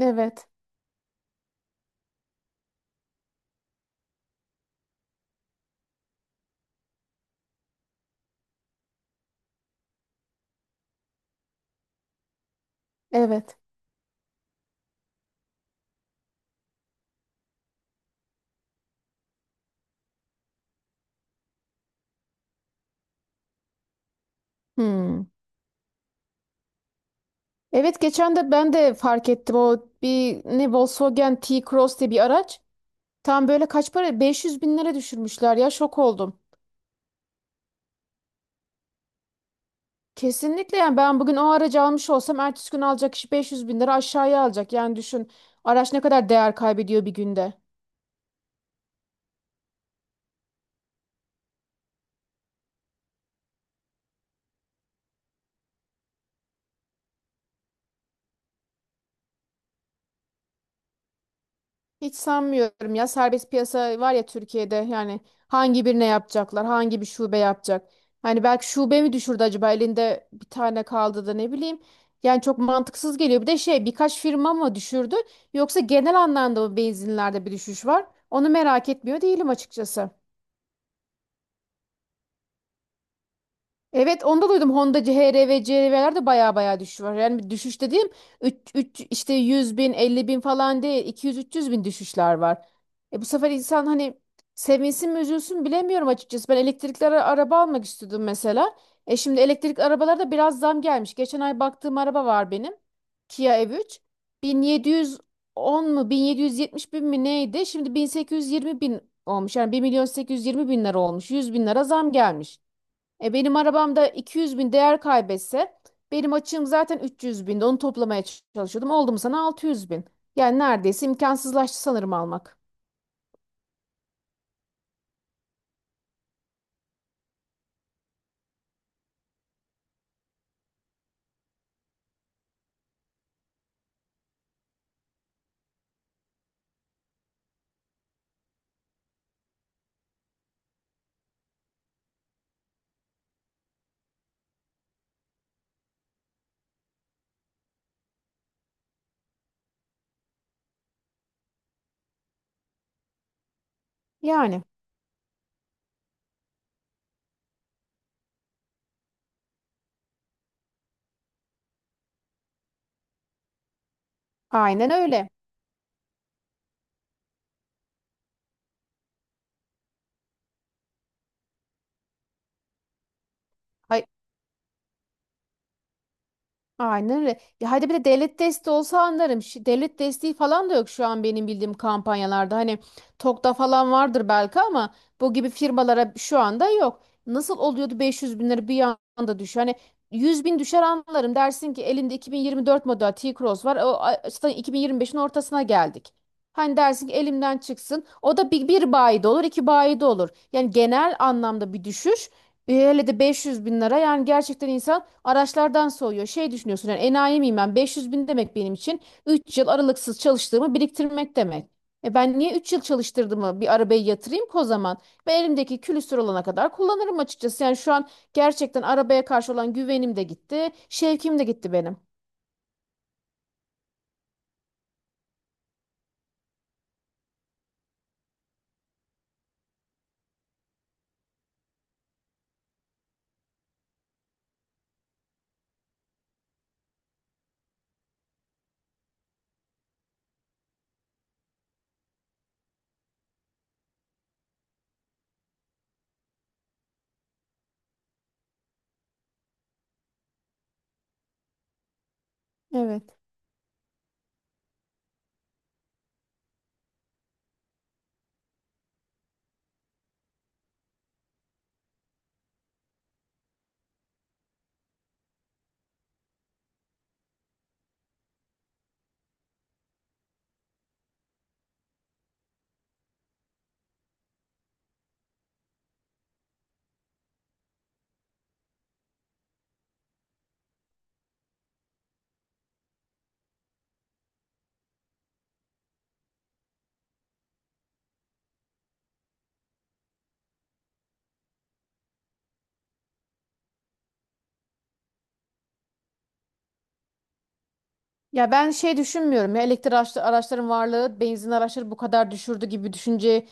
Evet, evet. Hmm. Evet geçen de ben de fark ettim o bir ne Volkswagen T-Cross diye bir araç. Tam böyle kaç para? 500 bin lira düşürmüşler ya şok oldum. Kesinlikle yani ben bugün o aracı almış olsam ertesi gün alacak kişi 500 bin lira aşağıya alacak. Yani düşün araç ne kadar değer kaybediyor bir günde. Hiç sanmıyorum ya serbest piyasa var ya Türkiye'de yani hangi birine yapacaklar hangi bir şube yapacak. Hani belki şube mi düşürdü acaba elinde bir tane kaldı da ne bileyim. Yani çok mantıksız geliyor. Bir de şey birkaç firma mı düşürdü yoksa genel anlamda mı benzinlerde bir düşüş var? Onu merak etmiyor değilim açıkçası. Evet onu da duydum. Honda HR ve CRV'ler de baya baya düşüş var. Yani bir düşüş dediğim 3, 3, işte 100 bin 50 bin falan değil 200-300 bin düşüşler var. E bu sefer insan hani sevinsin mi üzülsün bilemiyorum açıkçası. Ben elektrikli araba almak istiyordum mesela. E şimdi elektrikli arabalarda biraz zam gelmiş. Geçen ay baktığım araba var benim. Kia EV3. 1710 mu 1770 bin mi neydi? Şimdi 1820 bin olmuş. Yani bir milyon 820 bin lira olmuş. 100 bin lira zam gelmiş. E benim arabamda 200 bin değer kaybetse benim açığım zaten 300 binde onu toplamaya çalışıyordum. Oldu mu sana 600 bin. Yani neredeyse imkansızlaştı sanırım almak. Yani aynen öyle. Aynen öyle. Ya hadi bir de devlet desteği olsa anlarım. Devlet desteği falan da yok şu an benim bildiğim kampanyalarda. Hani TOKİ'da falan vardır belki ama bu gibi firmalara şu anda yok. Nasıl oluyordu 500 bin lira bir anda düşüyor? Hani 100 bin düşer anlarım. Dersin ki elinde 2024 model T-Cross var. O, zaten 2025'in ortasına geldik. Hani dersin ki elimden çıksın. O da bir bayide olur, iki bayide olur. Yani genel anlamda bir düşüş. Hele de 500 bin lira yani gerçekten insan araçlardan soğuyor. Şey düşünüyorsun yani enayi miyim ben 500 bin demek benim için 3 yıl aralıksız çalıştığımı biriktirmek demek. E ben niye 3 yıl çalıştırdığımı bir arabaya yatırayım ki o zaman? Ben elimdeki külüstür olana kadar kullanırım açıkçası. Yani şu an gerçekten arabaya karşı olan güvenim de gitti, şevkim de gitti benim. Evet. Ya ben şey düşünmüyorum ya elektrik araçların varlığı benzin araçları bu kadar düşürdü gibi düşünce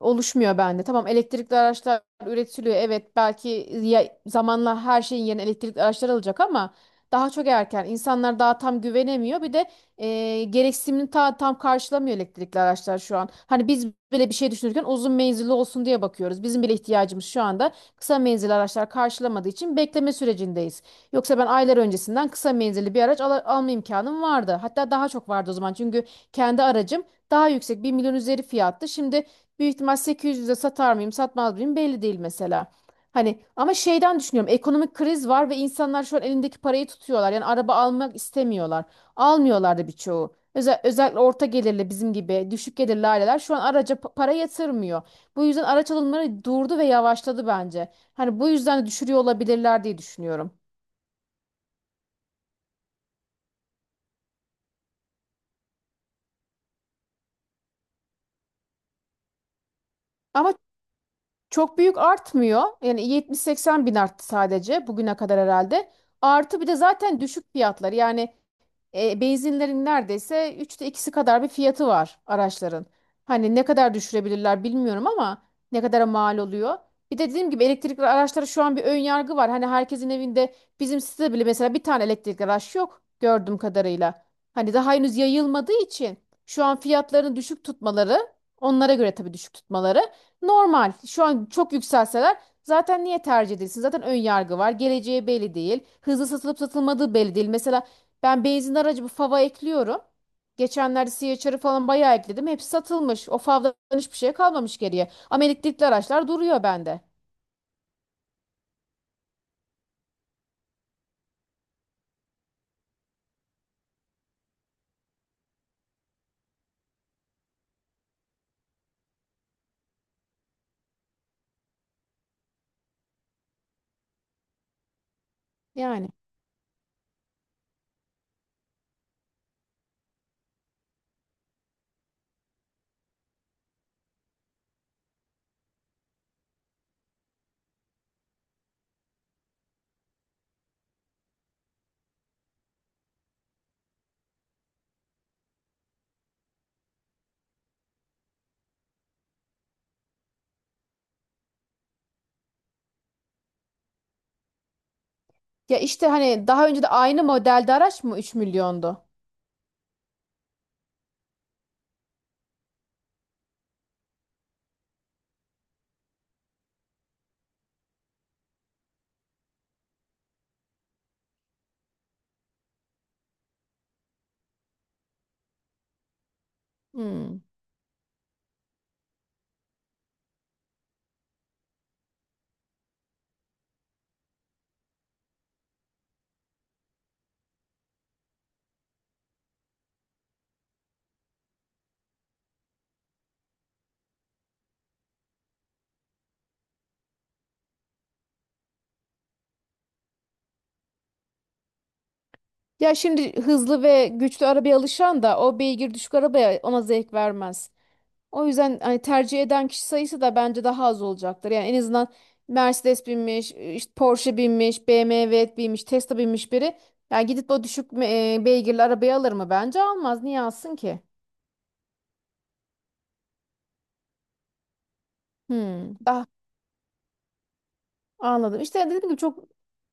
oluşmuyor bende. Tamam elektrikli araçlar üretiliyor evet belki zamanla her şeyin yerine elektrikli araçlar alacak ama daha çok erken. İnsanlar daha tam güvenemiyor bir de gereksinimini tam karşılamıyor elektrikli araçlar şu an. Hani biz bile bir şey düşünürken uzun menzilli olsun diye bakıyoruz. Bizim bile ihtiyacımız şu anda kısa menzilli araçlar karşılamadığı için bekleme sürecindeyiz. Yoksa ben aylar öncesinden kısa menzilli bir araç alma imkanım vardı. Hatta daha çok vardı o zaman. Çünkü kendi aracım daha yüksek bir milyon üzeri fiyattı. Şimdi büyük ihtimal 800'e satar mıyım, satmaz mıyım belli değil mesela. Hani ama şeyden düşünüyorum. Ekonomik kriz var ve insanlar şu an elindeki parayı tutuyorlar. Yani araba almak istemiyorlar. Almıyorlar da birçoğu. Özellikle orta gelirli bizim gibi düşük gelirli aileler şu an araca para yatırmıyor. Bu yüzden araç alımları durdu ve yavaşladı bence. Hani bu yüzden de düşürüyor olabilirler diye düşünüyorum. Ama çok büyük artmıyor. Yani 70-80 bin arttı sadece bugüne kadar herhalde. Artı bir de zaten düşük fiyatlar. Yani benzinlerin neredeyse üçte ikisi kadar bir fiyatı var araçların. Hani ne kadar düşürebilirler bilmiyorum ama ne kadara mal oluyor. Bir de dediğim gibi elektrikli araçlara şu an bir ön yargı var. Hani herkesin evinde bizim sitede bile mesela bir tane elektrikli araç yok gördüğüm kadarıyla. Hani daha henüz yayılmadığı için şu an fiyatlarını düşük tutmaları onlara göre tabii düşük tutmaları normal. Şu an çok yükselseler zaten niye tercih edilsin? Zaten ön yargı var. Geleceği belli değil. Hızlı satılıp satılmadığı belli değil. Mesela ben benzin aracı bu fava ekliyorum. Geçenlerde CHR'ı falan bayağı ekledim. Hepsi satılmış. O favdan hiçbir şey kalmamış geriye. Ama elektrikli araçlar duruyor bende. Yani. Ya işte hani daha önce de aynı modelde araç mı 3 milyondu? Hmm. Ya şimdi hızlı ve güçlü arabaya alışan da o beygir düşük arabaya ona zevk vermez. O yüzden hani tercih eden kişi sayısı da bence daha az olacaktır. Yani en azından Mercedes binmiş, işte Porsche binmiş, BMW binmiş, Tesla binmiş biri. Yani gidip o düşük beygirli arabayı alır mı? Bence almaz. Niye alsın ki? Hmm, daha anladım. İşte dediğim gibi çok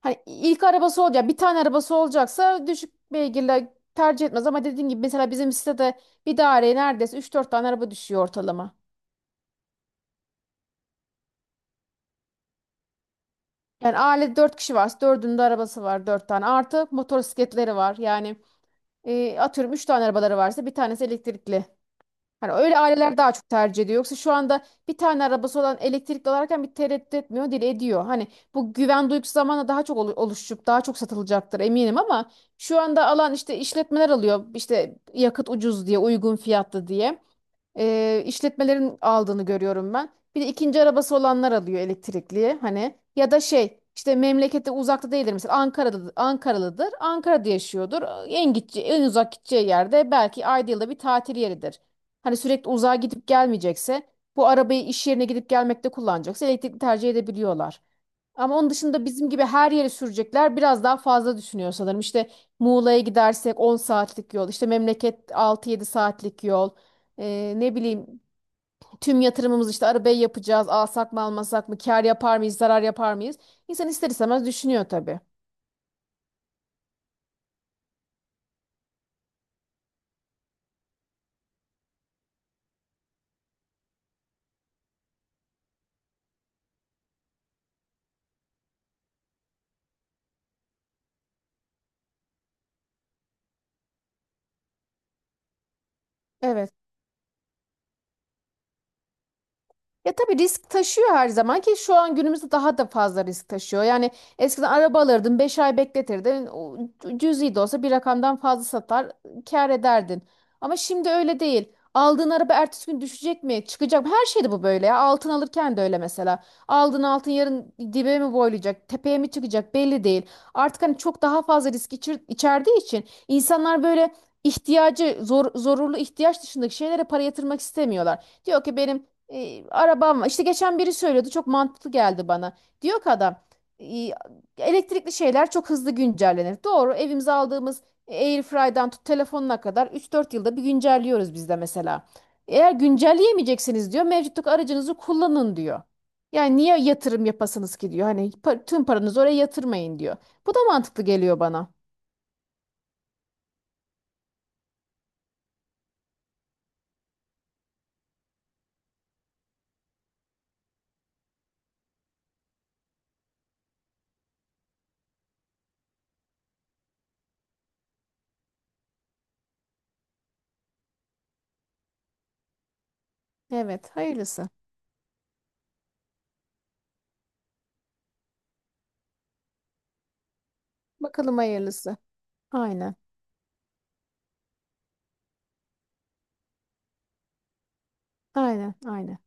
hani ilk arabası olacak, bir tane arabası olacaksa düşük beygirli tercih etmez. Ama dediğim gibi mesela bizim sitede bir daireye neredeyse üç dört tane araba düşüyor ortalama. Yani ailede 4 kişi varsa 4'ünün de arabası var 4 tane. Artı motosikletleri var. Yani atıyorum 3 tane arabaları varsa bir tanesi elektrikli. Hani öyle aileler daha çok tercih ediyor. Yoksa şu anda bir tane arabası olan elektrikli alırken bir tereddüt etmiyor, dil ediyor. Hani bu güven duygusu zamanla daha çok oluşup daha çok satılacaktır eminim ama şu anda alan işte işletmeler alıyor. İşte yakıt ucuz diye, uygun fiyatlı diye işletmelerin aldığını görüyorum ben. Bir de ikinci arabası olanlar alıyor elektrikli hani ya da şey işte memlekette uzakta değildir mesela Ankara'da Ankaralıdır Ankara'da yaşıyordur en gideceği en uzak gideceği yerde belki ayda yılda bir tatil yeridir. Hani sürekli uzağa gidip gelmeyecekse bu arabayı iş yerine gidip gelmekte kullanacaksa elektrikli tercih edebiliyorlar. Ama onun dışında bizim gibi her yere sürecekler biraz daha fazla düşünüyor sanırım. İşte Muğla'ya gidersek 10 saatlik yol, işte memleket 6-7 saatlik yol. Ne bileyim tüm yatırımımız işte arabayı yapacağız, alsak mı almasak mı, kar yapar mıyız, zarar yapar mıyız? İnsan ister istemez düşünüyor tabii. Evet. Ya tabii risk taşıyor her zaman ki şu an günümüzde daha da fazla risk taşıyor. Yani eskiden araba alırdın 5 ay bekletirdin o cüzi de olsa bir rakamdan fazla satar kâr ederdin. Ama şimdi öyle değil. Aldığın araba ertesi gün düşecek mi çıkacak mı her şeyde bu böyle ya altın alırken de öyle mesela. Aldığın altın yarın dibe mi boylayacak tepeye mi çıkacak belli değil. Artık hani çok daha fazla risk içerdiği için insanlar böyle ihtiyacı zorunlu ihtiyaç dışındaki şeylere para yatırmak istemiyorlar. Diyor ki benim arabam var. İşte geçen biri söylüyordu çok mantıklı geldi bana. Diyor ki adam e, elektrikli şeyler çok hızlı güncellenir. Doğru evimize aldığımız Airfry'dan tut telefonuna kadar 3-4 yılda bir güncelliyoruz biz de mesela. Eğer güncelleyemeyeceksiniz diyor mevcuttaki aracınızı kullanın diyor. Yani niye yatırım yapasınız ki diyor. Hani tüm paranızı oraya yatırmayın diyor. Bu da mantıklı geliyor bana. Evet hayırlısı. Bakalım hayırlısı. Aynen aynen aynen.